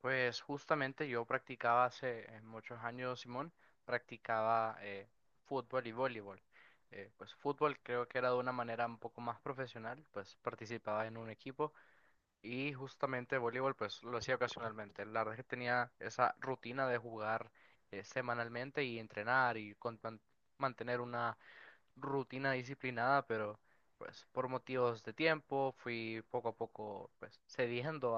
Pues justamente yo practicaba hace muchos años, Simón, practicaba fútbol y voleibol. Pues fútbol creo que era de una manera un poco más profesional, pues participaba en un equipo y justamente voleibol pues lo hacía ocasionalmente. La verdad es que tenía esa rutina de jugar semanalmente y entrenar y mantener una rutina disciplinada, pero pues por motivos de tiempo fui poco a poco pues cediendo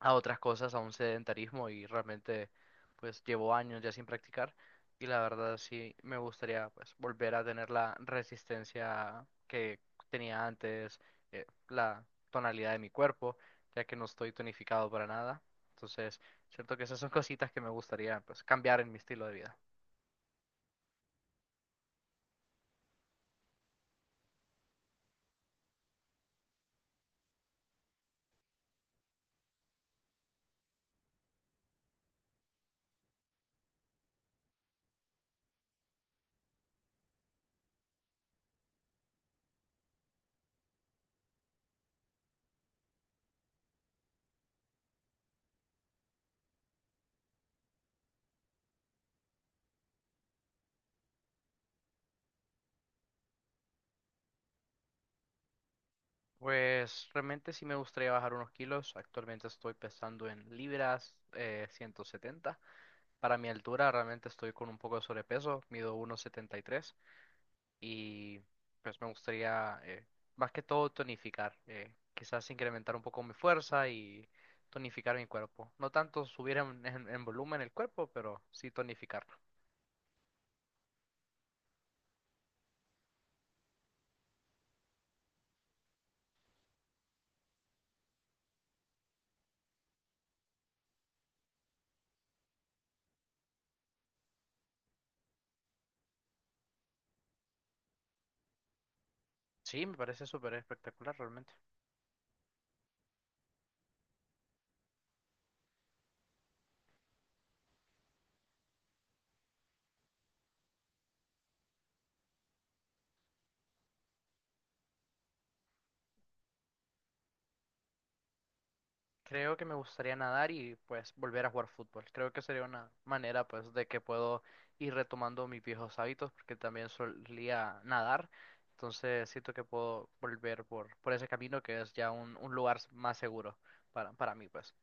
a otras cosas, a un sedentarismo y realmente pues llevo años ya sin practicar y la verdad sí me gustaría pues volver a tener la resistencia que tenía antes, la tonalidad de mi cuerpo, ya que no estoy tonificado para nada. Entonces, siento que esas son cositas que me gustaría pues cambiar en mi estilo de vida. Pues realmente sí me gustaría bajar unos kilos. Actualmente estoy pesando en libras, 170. Para mi altura realmente estoy con un poco de sobrepeso, mido 1,73 y tres y pues me gustaría más que todo tonificar, quizás incrementar un poco mi fuerza y tonificar mi cuerpo. No tanto subir en, en volumen el cuerpo, pero sí tonificarlo. Sí, me parece súper espectacular realmente. Creo que me gustaría nadar y pues volver a jugar fútbol. Creo que sería una manera pues de que puedo ir retomando mis viejos hábitos porque también solía nadar. Entonces siento que puedo volver por ese camino que es ya un lugar más seguro para mí pues.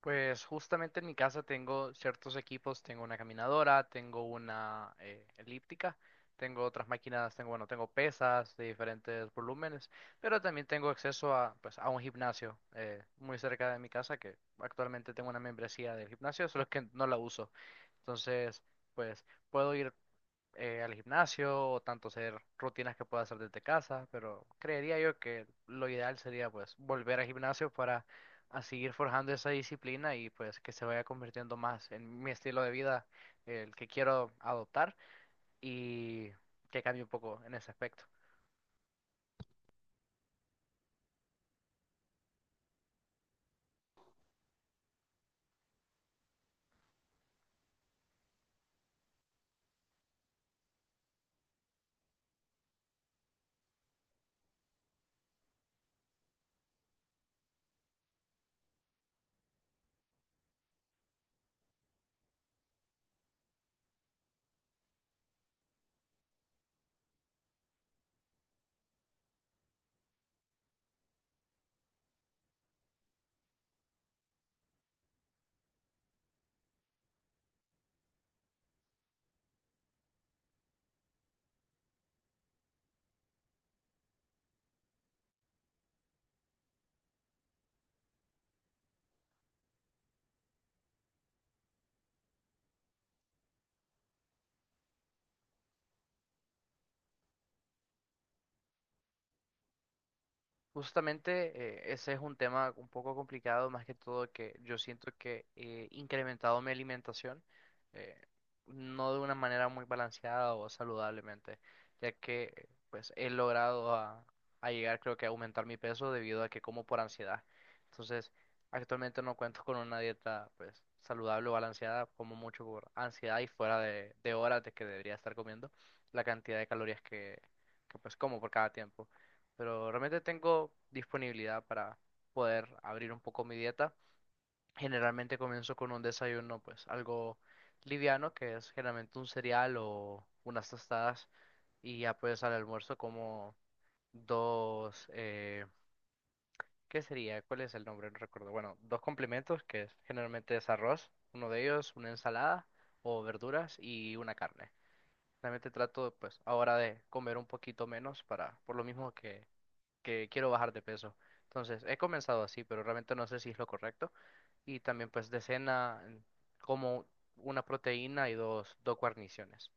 Pues justamente en mi casa tengo ciertos equipos, tengo una caminadora, tengo una elíptica, tengo otras máquinas, tengo, bueno, tengo pesas de diferentes volúmenes, pero también tengo acceso a, pues, a un gimnasio muy cerca de mi casa que actualmente tengo una membresía del gimnasio, solo que no la uso. Entonces, pues puedo ir al gimnasio o tanto hacer rutinas que pueda hacer desde casa, pero creería yo que lo ideal sería pues volver al gimnasio para a seguir forjando esa disciplina y pues que se vaya convirtiendo más en mi estilo de vida, el que quiero adoptar y que cambie un poco en ese aspecto. Justamente ese es un tema un poco complicado, más que todo que yo siento que he incrementado mi alimentación, eh, no de una manera muy balanceada o saludablemente, ya que pues he logrado a llegar creo que a aumentar mi peso debido a que como por ansiedad. Entonces, actualmente no cuento con una dieta pues saludable o balanceada, como mucho por ansiedad y fuera de horas de que debería estar comiendo la cantidad de calorías que pues como por cada tiempo pero realmente tengo disponibilidad para poder abrir un poco mi dieta. Generalmente comienzo con un desayuno, pues algo liviano, que es generalmente un cereal o unas tostadas, y ya pues al almuerzo como dos, ¿qué sería? ¿Cuál es el nombre? No recuerdo. Bueno, dos complementos, que es- generalmente es arroz, uno de ellos, una ensalada o verduras y una carne. Realmente trato, pues, ahora de comer un poquito menos para, por lo mismo que quiero bajar de peso. Entonces, he comenzado así, pero realmente no sé si es lo correcto. Y también pues de cena como una proteína y dos, dos guarniciones.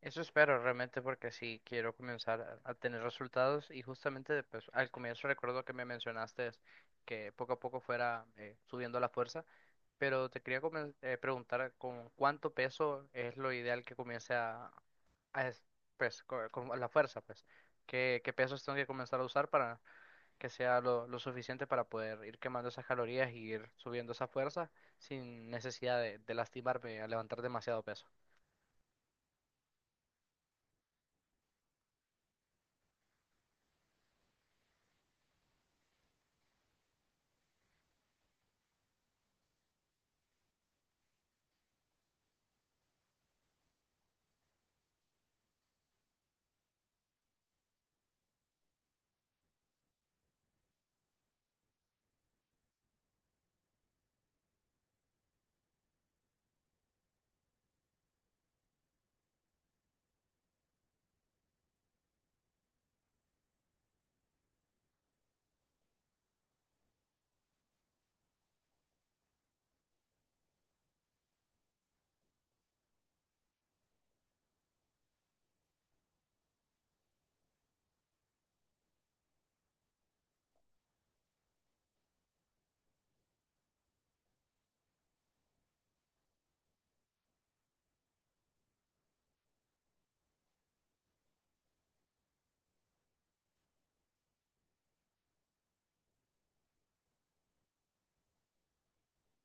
Eso espero realmente porque sí quiero comenzar a tener resultados y justamente pues, al comienzo recuerdo que me mencionaste que poco a poco fuera subiendo la fuerza, pero te quería preguntar con cuánto peso es lo ideal que comience a es- pues, con la fuerza, pues, qué pesos tengo que comenzar a usar para que sea lo suficiente para poder ir quemando esas calorías y ir subiendo esa fuerza sin necesidad de lastimarme a levantar demasiado peso.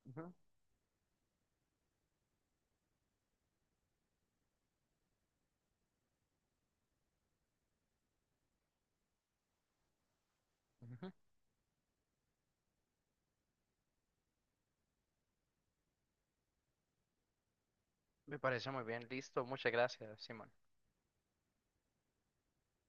Ujú. Ujú. Me parece muy bien, listo, muchas gracias, Simón.